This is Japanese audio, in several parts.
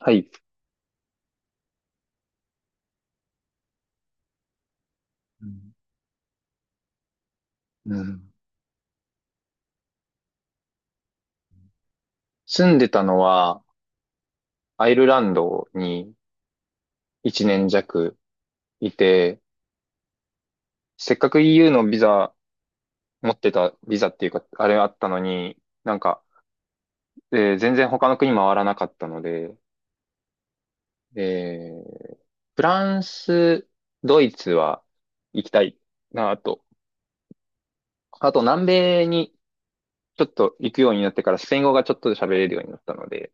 はい。うん。住んでたのは、アイルランドに1年弱いて、せっかく EU のビザ、持ってたビザっていうか、あれあったのに、なんか、全然他の国回らなかったので、えーフランス、ドイツは行きたいなと。あと、南米にちょっと行くようになってから、スペイン語がちょっと喋れるようになったので、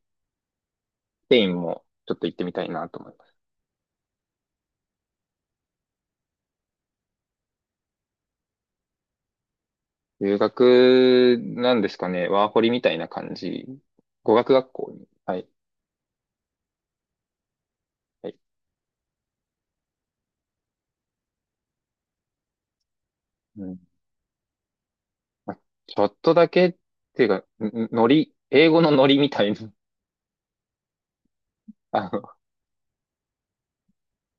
スペインもちょっと行ってみたいなと思います。留学なんですかね。ワーホリみたいな感じ。語学学校に。はい。はい。うん。まあちょっとだけっていうか、ノリ、英語のノリみたいな。あの、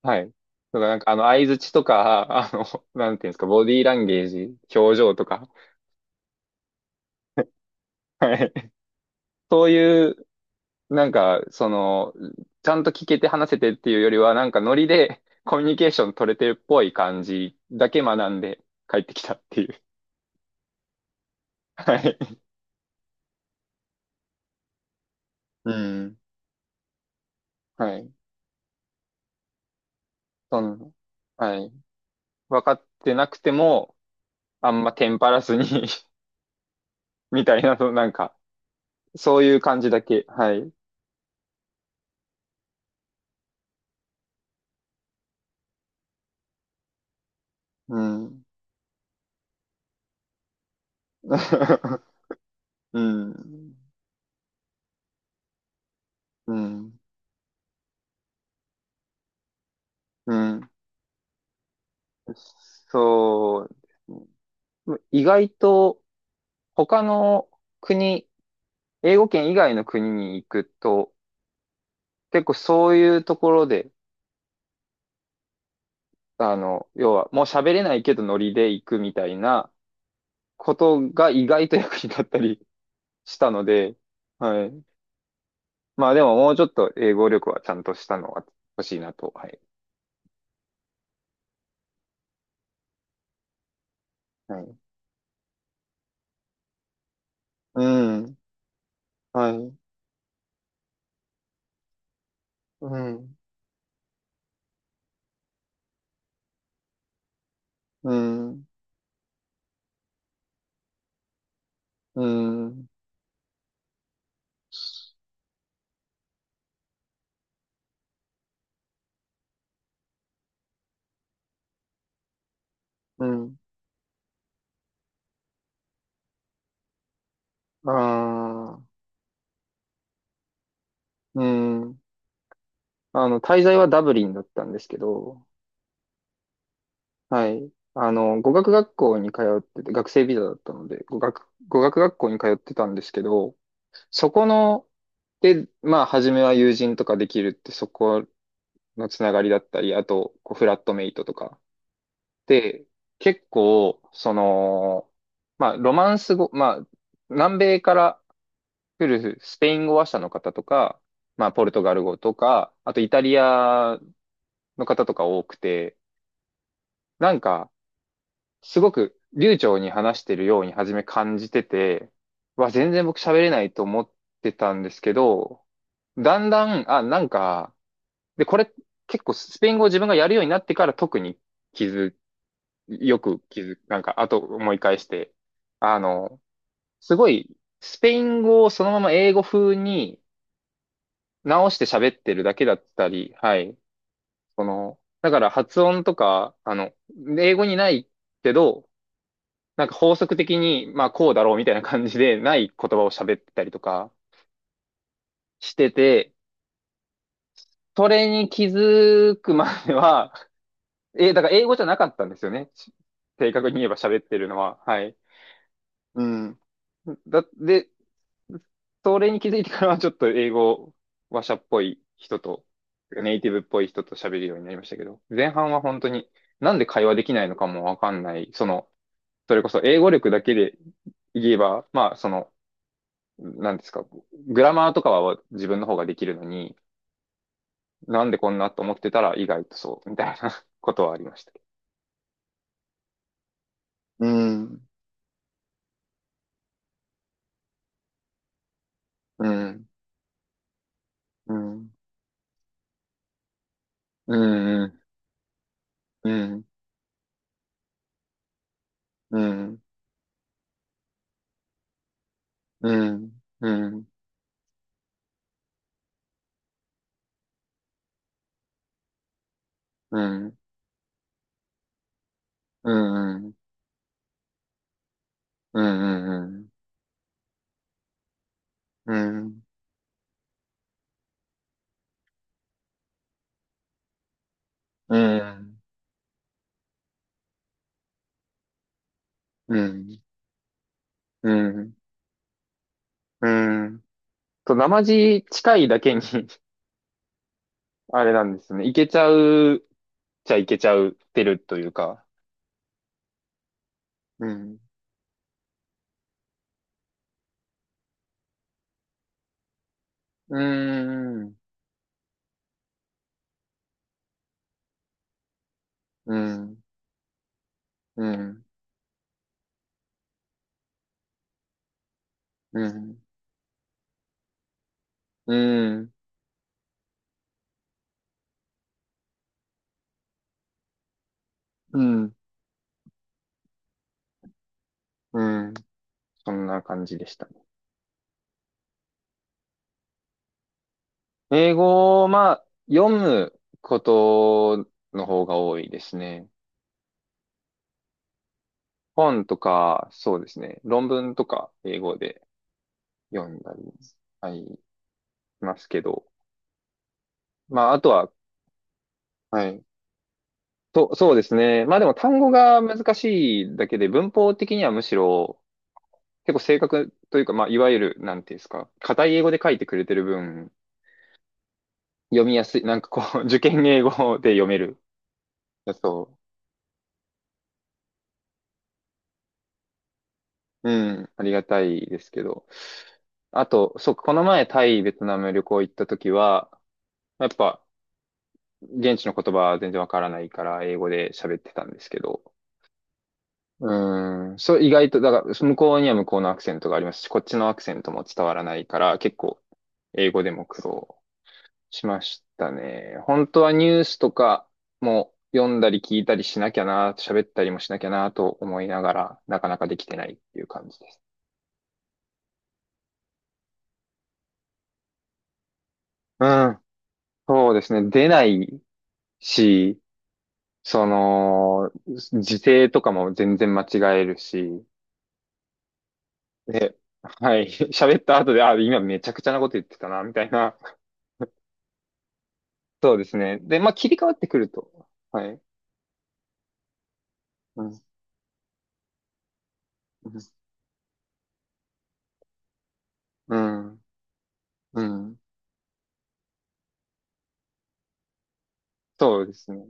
はい。とか、なんか、相槌とか、なんていうんですか、ボディーランゲージ、表情とか。はい。そういう、なんか、ちゃんと聞けて話せてっていうよりは、なんかノリでコミュニケーション取れてるっぽい感じだけ学んで帰ってきたっていう。はい。うん。はい。その、はい。分かってなくても、あんまテンパらずに みたいな、なんか、そういう感じだけ。はい。うん。うん。うん。うん。そうですね。意外と、他の国、英語圏以外の国に行くと、結構そういうところで、要は、もう喋れないけどノリで行くみたいなことが意外と役に立ったりしたので、はい。まあでももうちょっと英語力はちゃんとしたのは欲しいなと。はい。はい。うん。はい。うん。うん。うん。うん。ああ。うん。滞在はダブリンだったんですけど、はい。語学学校に通ってて、学生ビザだったので、語学学校に通ってたんですけど、そこの、で、まあ、初めは友人とかできるって、そこのつながりだったり、あと、こう、フラットメイトとか、で、結構、まあ、ロマンス語、まあ、南米から来るスペイン語話者の方とか、まあ、ポルトガル語とか、あとイタリアの方とか多くて、なんか、すごく流暢に話してるように初め感じてて、わ、全然僕喋れないと思ってたんですけど、だんだん、あ、なんか、で、これ結構スペイン語を自分がやるようになってから特に気づよく気づく、なんか、あと思い返して、あの、すごい、スペイン語をそのまま英語風に直して喋ってるだけだったり、はい。だから発音とか、英語にないけど、なんか法則的に、まあこうだろうみたいな感じでない言葉を喋ってたりとかしてて、それに気づくまでは、だから英語じゃなかったんですよね。正確に言えば喋ってるのは。はい。うん。で、それに気づいてからはちょっと英語ワシャっぽい人とネイティブっぽい人と喋るようになりましたけど、前半は本当になんで会話できないのかもわかんない、それこそ英語力だけで言えば、まあなんですか、グラマーとかは自分の方ができるのに、なんでこんなと思ってたら意外とそうみたいなことはありましたけど。うん、うん、うん、うん、うん、うん、うん、うん、うん、うん、うん。うん、うん、うん、うん、うん、うん、うん、うん生地近いだけに あれなんですね。いけちゃう、じゃいけちゃうってるというか。うん、うん、うん、うん、うん、うん、うん、うん、そんな感じでしたね。英語を、まあ、読むことの方が多いですね。本とか、そうですね。論文とか、英語で読んだり。はい。ますけど。まあ、あとは、はい。そうですね。まあでも単語が難しいだけで、文法的にはむしろ、結構正確というか、まあ、いわゆる、なんていうんですか、硬い英語で書いてくれてる分、読みやすい、なんかこう、受験英語で読める。そう。うん、ありがたいですけど。あと、そう、この前タイ、ベトナム旅行行った時は、やっぱ、現地の言葉は全然わからないから、英語で喋ってたんですけど、うーん。そう、意外と、だから、向こうには向こうのアクセントがありますし、こっちのアクセントも伝わらないから、結構、英語でも苦労しましたね。本当はニュースとかも読んだり聞いたりしなきゃな、喋ったりもしなきゃなと思いながら、なかなかできてないっていう感じです。うん。そうですね。出ないし、その、時勢とかも全然間違えるし、で、はい。喋った後で、あ、今めちゃくちゃなこと言ってたな、みたいな。そうですね。で、まあ、切り替わってくると。はい。うん。うん。うん。うん、そうですね。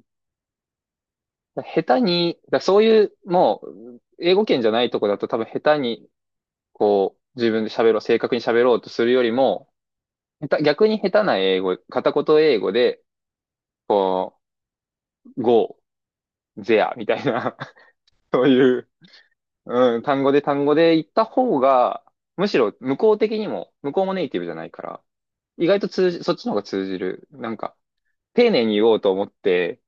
下手に、そういう、もう、英語圏じゃないとこだと多分下手に、こう、自分で喋ろう、正確に喋ろうとするよりも、逆に下手な英語、片言英語で、こう、go, there みたいな。 そういう、うん、単語で単語で言った方が、むしろ向こう的にも、向こうもネイティブじゃないから、意外と通じ、そっちの方が通じる。なんか、丁寧に言おうと思って、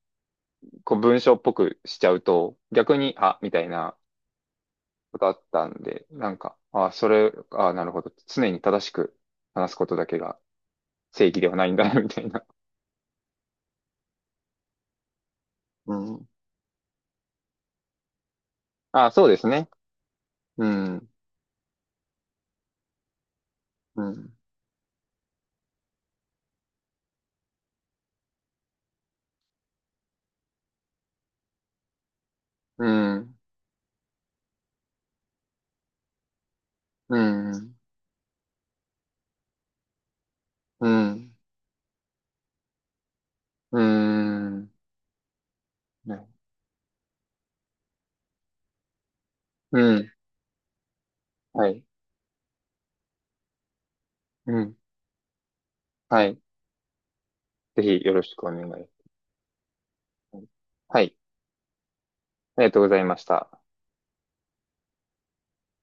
こう文章っぽくしちゃうと、逆に、あ、みたいなことあったんで、なんか、あ、それ、あ、なるほど。常に正しく話すことだけが正義ではないんだな、みたいな。うん。あ、そうですね。うん、うん。うん、うん、うん、うん、ね、うん、はい、うん、はい。ぜひよろしくお願い。はい。ありがとうございました。